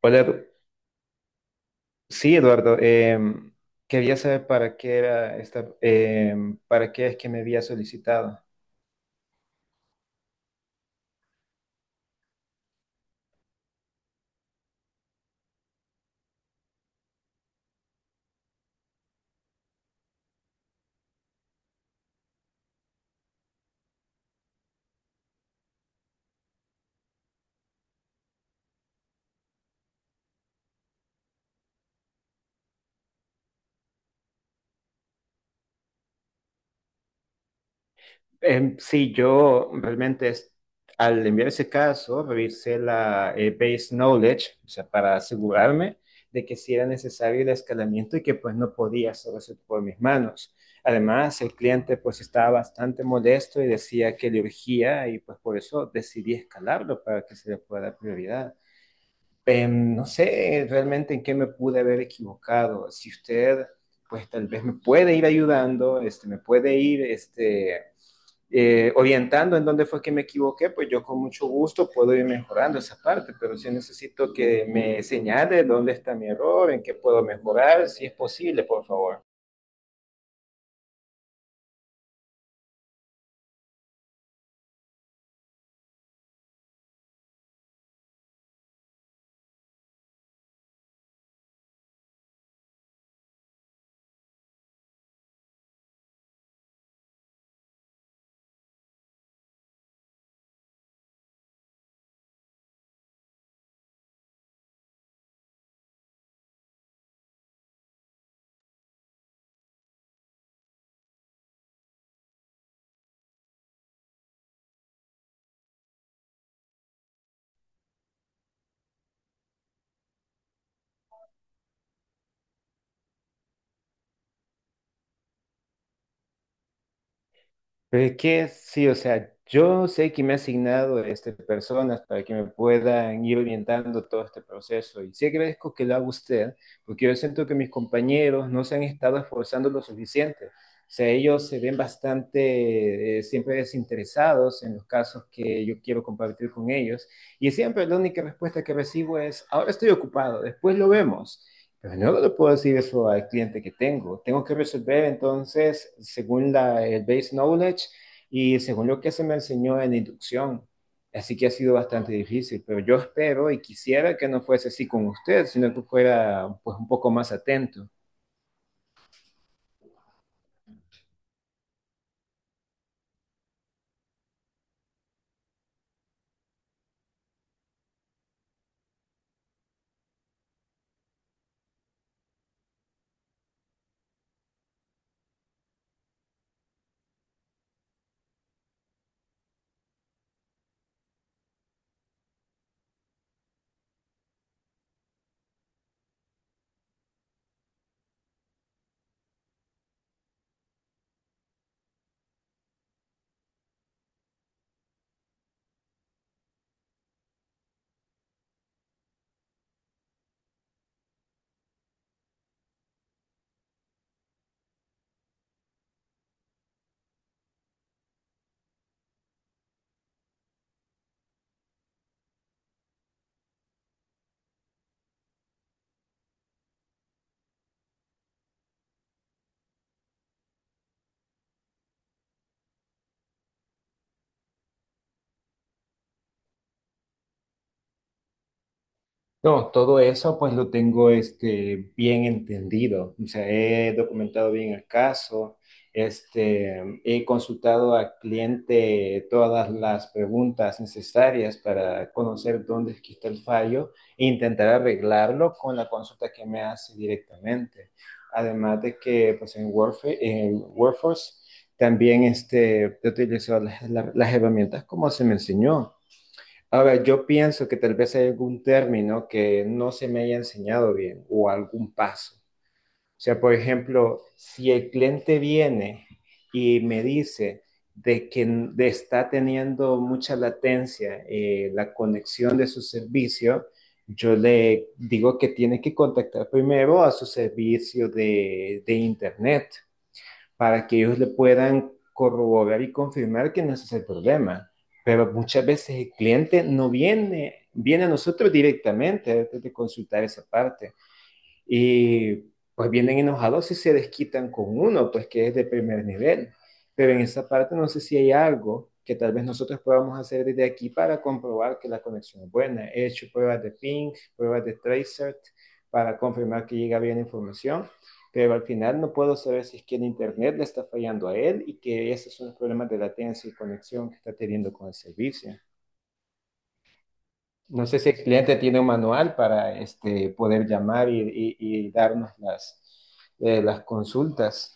Hola, Eduardo. Quería saber para qué era esta, para qué es que me había solicitado. Sí, yo realmente. Al enviar ese caso revisé la base knowledge, o sea, para asegurarme de que si era necesario el escalamiento y que pues no podía hacer eso por mis manos. Además, el cliente pues estaba bastante molesto y decía que le urgía y pues por eso decidí escalarlo para que se le pueda dar prioridad. No sé realmente en qué me pude haber equivocado. Si usted, pues tal vez me puede ir ayudando, este, me puede ir este, orientando en dónde fue que me equivoqué, pues yo con mucho gusto puedo ir mejorando esa parte, pero sí necesito que me señale dónde está mi error, en qué puedo mejorar, si es posible, por favor. Pero es que sí, o sea, yo sé que me ha asignado este, personas para que me puedan ir orientando todo este proceso y sí agradezco que lo haga usted, porque yo siento que mis compañeros no se han estado esforzando lo suficiente. O sea, ellos se ven bastante siempre desinteresados en los casos que yo quiero compartir con ellos y siempre la única respuesta que recibo es: ahora estoy ocupado, después lo vemos. Pero yo no le puedo decir eso al cliente que tengo. Tengo que resolver entonces según el base knowledge y según lo que se me enseñó en la inducción. Así que ha sido bastante difícil, pero yo espero y quisiera que no fuese así con usted, sino que fuera pues un poco más atento. No, todo eso pues lo tengo este, bien entendido. O sea, he documentado bien el caso, este, he consultado al cliente todas las preguntas necesarias para conocer dónde es que está el fallo e intentar arreglarlo con la consulta que me hace directamente. Además de que pues en Workforce también este, he utilizado las las herramientas como se me enseñó. A ver, yo pienso que tal vez hay algún término que no se me haya enseñado bien o algún paso. O sea, por ejemplo, si el cliente viene y me dice de que n- de está teniendo mucha latencia la conexión de su servicio, yo le digo que tiene que contactar primero a su servicio de internet para que ellos le puedan corroborar y confirmar que no ese es ese el problema. Pero muchas veces el cliente no viene, viene a nosotros directamente antes de consultar esa parte. Y pues vienen enojados y se desquitan con uno, pues que es de primer nivel. Pero en esa parte no sé si hay algo que tal vez nosotros podamos hacer desde aquí para comprobar que la conexión es buena. He hecho pruebas de ping, pruebas de tracer para confirmar que llega bien la información, pero al final no puedo saber si es que el internet le está fallando a él y que esos son los problemas de latencia y conexión que está teniendo con el servicio. No sé si el cliente tiene un manual para este, poder llamar y- y darnos las, las consultas.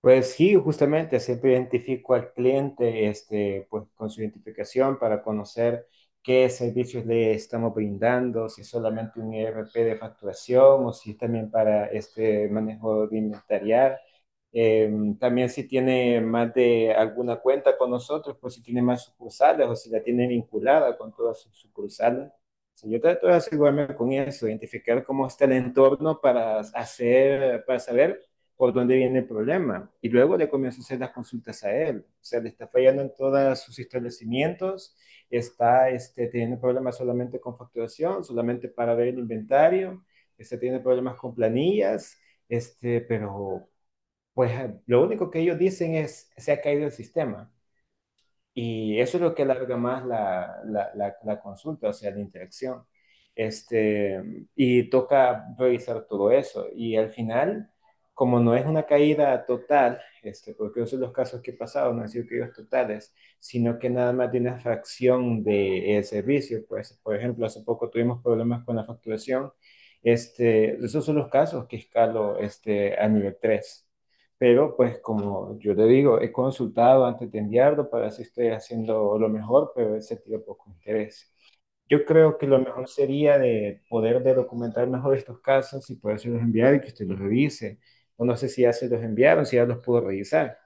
Pues sí, justamente siempre identifico al cliente, este, pues con su identificación para conocer qué servicios le estamos brindando, si es solamente un ERP de facturación o si es también para este manejo de inventariar. Eh, También si tiene más de alguna cuenta con nosotros, pues si tiene más sucursales o si la tiene vinculada con todas sus sucursales. Sí, yo trato de asegurarme con eso, identificar cómo está el entorno para hacer, para saber por dónde viene el problema. Y luego le comienzo a hacer las consultas a él. O sea, le está fallando en todos sus establecimientos, está este, teniendo problemas solamente con facturación, solamente para ver el inventario, está teniendo problemas con planillas, este, pero pues lo único que ellos dicen es: se ha caído el sistema. Y eso es lo que alarga más la consulta, o sea, la interacción. Este, y toca revisar todo eso. Y al final, como no es una caída total, este, porque esos son los casos que he pasado, no han sido caídas totales, sino que nada más de una fracción del servicio. Pues, por ejemplo, hace poco tuvimos problemas con la facturación. Este, esos son los casos que escalo este, a nivel tres, pero pues como yo te digo, he consultado antes de enviarlo para ver si estoy haciendo lo mejor, pero he sentido poco interés. Yo creo que lo mejor sería de poder de documentar mejor estos casos y poderse los enviar y que usted los revise. O no sé si ya se los enviaron, si ya los pudo revisar.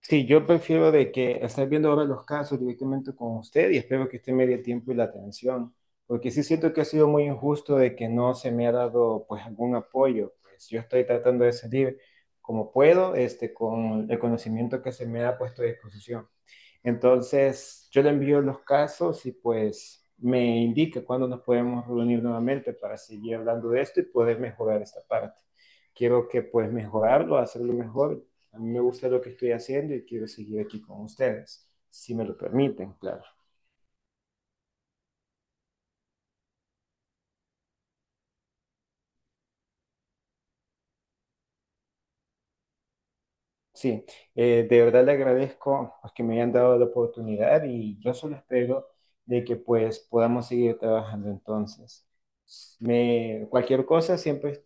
Sí, yo prefiero de que estar viendo ahora los casos directamente con usted y espero que usted me dé tiempo y la atención, porque sí siento que ha sido muy injusto de que no se me ha dado pues algún apoyo. Pues yo estoy tratando de salir como puedo, este, con el conocimiento que se me ha puesto a disposición. Entonces, yo le envío los casos y pues me indica cuándo nos podemos reunir nuevamente para seguir hablando de esto y poder mejorar esta parte. Quiero que pues mejorarlo, hacerlo mejor. A mí me gusta lo que estoy haciendo y quiero seguir aquí con ustedes, si me lo permiten, claro. Sí, de verdad le agradezco pues, que me hayan dado la oportunidad y yo solo espero de que pues podamos seguir trabajando entonces. Cualquier cosa siempre.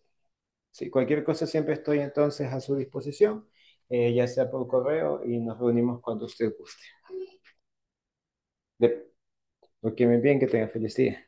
Sí, cualquier cosa siempre estoy entonces a su disposición, ya sea por correo y nos reunimos cuando usted guste. De, lo que me bien, que tenga feliz día.